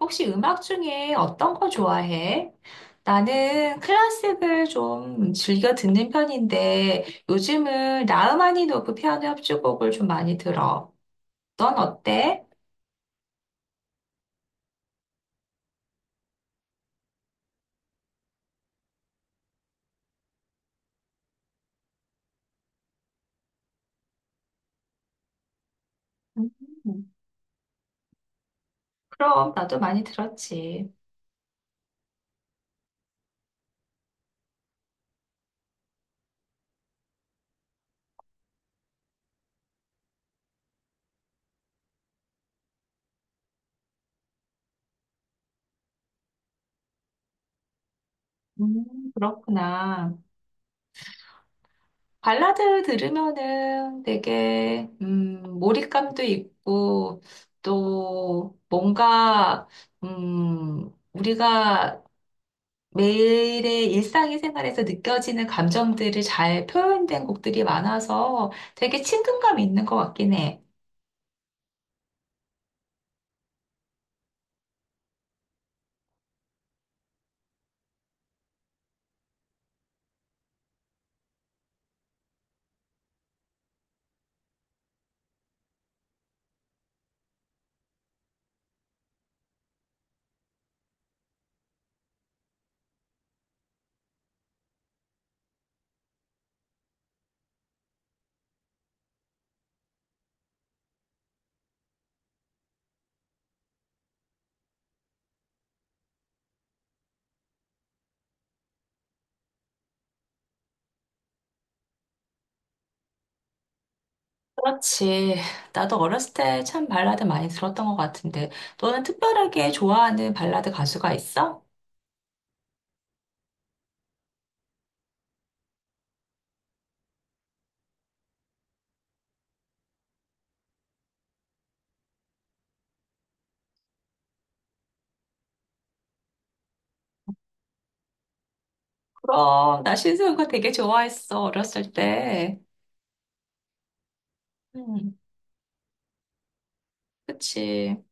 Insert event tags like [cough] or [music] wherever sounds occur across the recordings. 혹시 음악 중에 어떤 거 좋아해? 나는 클래식을 좀 즐겨 듣는 편인데 요즘은 라흐마니노프 피아노 협주곡을 좀 많이 들어. 넌 어때? 음, 그럼 나도 많이 들었지. 그렇구나. 발라드 들으면은 되게 몰입감도 있고 또 뭔가 우리가 매일의 일상의 생활에서 느껴지는 감정들을 잘 표현된 곡들이 많아서 되게 친근감 있는 것 같긴 해. 그렇지. 나도 어렸을 때 참 발라드 많이 들었던 것 같은데, 너는 특별하게 좋아하는 발라드 가수가 있어? 그럼, 나 신승우가 되게 좋아했어, 어렸을 때. 음, 그치.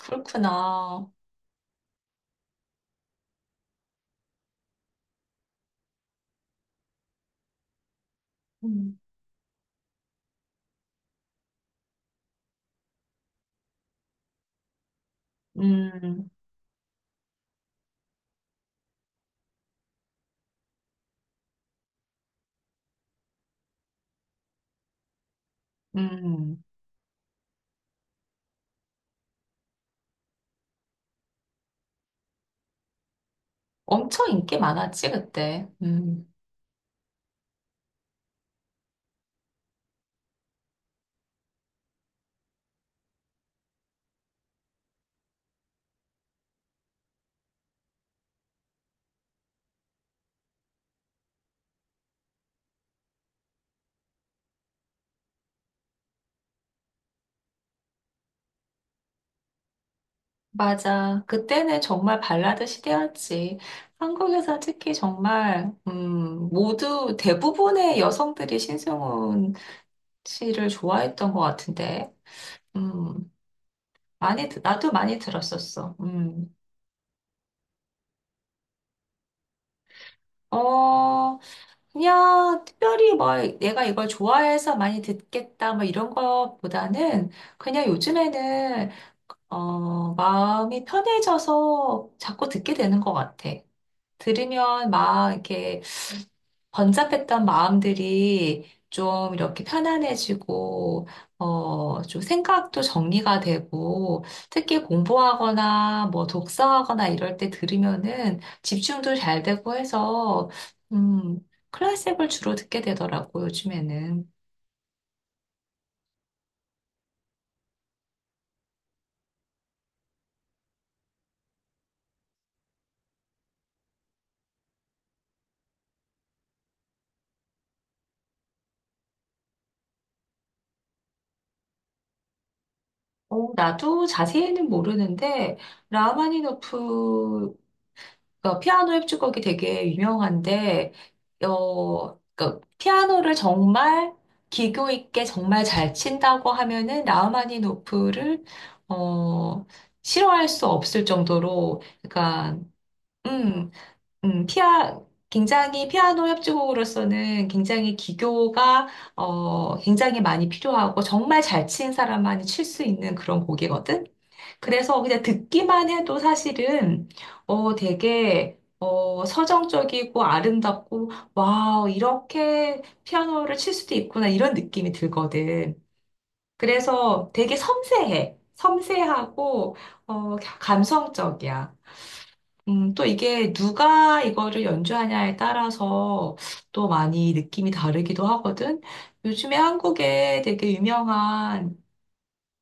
그렇구나. 음, 음, 음. 엄청 인기 많았지, 그때. 음. 맞아. 그때는 정말 발라드 시대였지. 한국에서 특히 정말, 모두 대부분의 여성들이 신승훈 씨를 좋아했던 것 같은데, 음, 많이, 나도 많이 들었었어. 음. 어, 그냥 특별히 뭐 내가 이걸 좋아해서 많이 듣겠다 뭐 이런 것보다는 그냥 요즘에는, 마음이 편해져서 자꾸 듣게 되는 것 같아. 들으면 막 이렇게 번잡했던 마음들이 좀 이렇게 편안해지고, 좀 생각도 정리가 되고, 특히 공부하거나 뭐 독서하거나 이럴 때 들으면은 집중도 잘 되고 해서, 음, 클래식을 주로 듣게 되더라고, 요즘에는. 나도 자세히는 모르는데, 라마니노프 그 피아노 협주곡이 되게 유명한데, 그 피아노를 정말 기교 있게 정말 잘 친다고 하면은 라흐마니노프를 어, 싫어할 수 없을 정도로, 그러니까 음, 피아 굉장히 피아노 협주곡으로서는 굉장히 기교가 굉장히 많이 필요하고 정말 잘 친 사람만이 칠 수 있는 그런 곡이거든. 그래서 그냥 듣기만 해도 사실은 되게 서정적이고 아름답고 와 이렇게 피아노를 칠 수도 있구나 이런 느낌이 들거든. 그래서 되게 섬세해. 섬세하고 감성적이야. 또 이게 누가 이거를 연주하냐에 따라서 또 많이 느낌이 다르기도 하거든. 요즘에 한국에 되게 유명한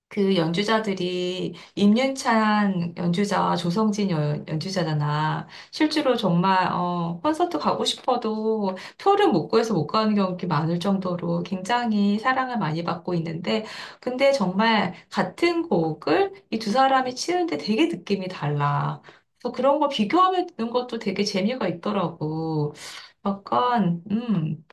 그 연주자들이 임윤찬 연주자와 조성진 연주자잖아. 실제로 정말 콘서트 가고 싶어도 표를 못 구해서 못 가는 경우가 많을 정도로 굉장히 사랑을 많이 받고 있는데, 근데 정말 같은 곡을 이 두 사람이 치는데 되게 느낌이 달라. 그래서 그런 거 비교하면 듣는 것도 되게 재미가 있더라고. 약간,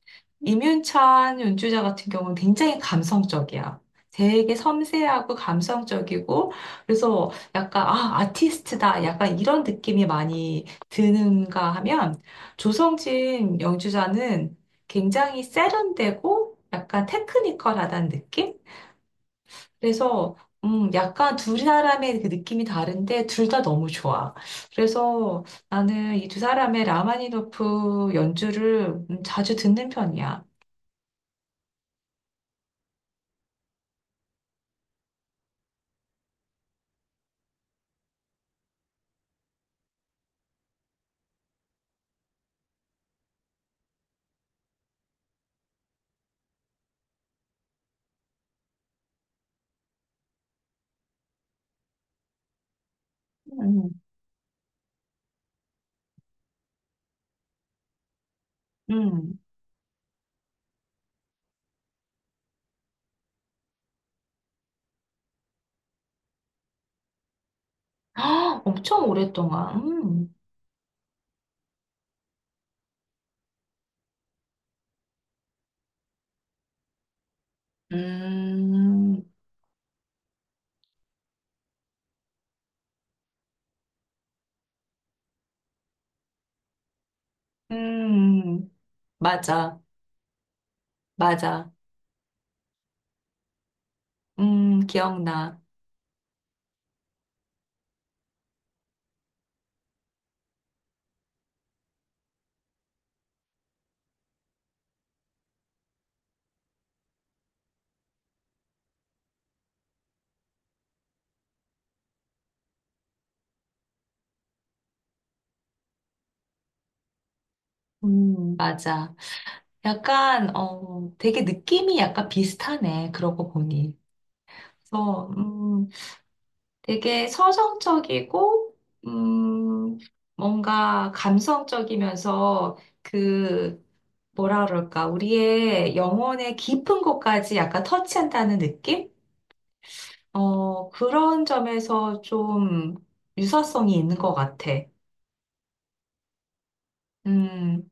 임윤찬 연주자 같은 경우는 굉장히 감성적이야. 되게 섬세하고 감성적이고, 그래서 약간, 아, 아티스트다. 약간 이런 느낌이 많이 드는가 하면, 조성진 연주자는 굉장히 세련되고, 약간 테크니컬하다는 느낌? 그래서, 약간 두 사람의 그 느낌이 다른데, 둘 다 너무 좋아. 그래서 나는 이 두 사람의 라마니노프 연주를 자주 듣는 편이야. 음. 음. [gasps] 아, 엄청 오랫동안. 음. 음, 음, 맞아, 맞아. 기억나. 맞아. 약간, 되게 느낌이 약간 비슷하네. 그러고 보니. 그래서, 되게 서정적이고, 음, 뭔가 감성적이면서 그, 뭐라 그럴까, 우리의 영혼의 깊은 곳까지 약간 터치한다는 느낌? 그런 점에서 좀 유사성이 있는 것 같아. 음,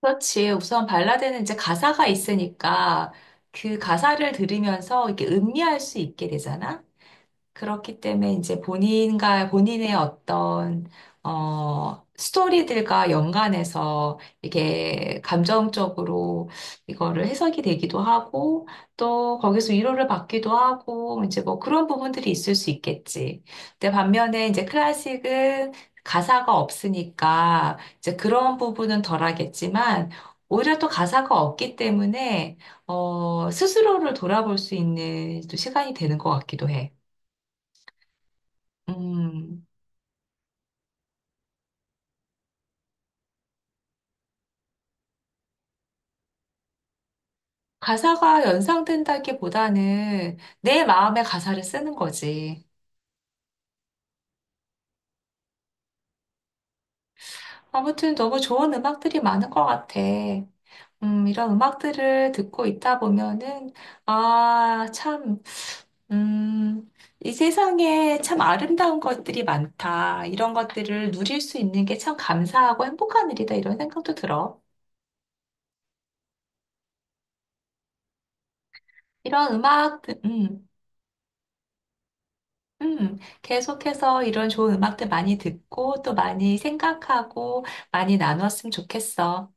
그렇지. 우선 발라드는 이제 가사가 있으니까 그 가사를 들으면서 이렇게 음미할 수 있게 되잖아. 그렇기 때문에 이제 본인과 본인의 어떤 스토리들과 연관해서 이게 감정적으로 이거를 해석이 되기도 하고 또 거기서 위로를 받기도 하고 이제 뭐 그런 부분들이 있을 수 있겠지. 근데 반면에 이제 클래식은 가사가 없으니까 이제 그런 부분은 덜하겠지만 오히려 또 가사가 없기 때문에 스스로를 돌아볼 수 있는 또 시간이 되는 것 같기도 해. 음, 가사가 연상된다기보다는 내 마음의 가사를 쓰는 거지. 아무튼 너무 좋은 음악들이 많은 것 같아. 이런 음악들을 듣고 있다 보면은, 아, 참, 음, 이 세상에 참 아름다운 것들이 많다. 이런 것들을 누릴 수 있는 게 참 감사하고 행복한 일이다. 이런 생각도 들어. 이런 음악, 계속해서 이런 좋은 음악들 많이 듣고 또 많이 생각하고 많이 나누었으면 좋겠어.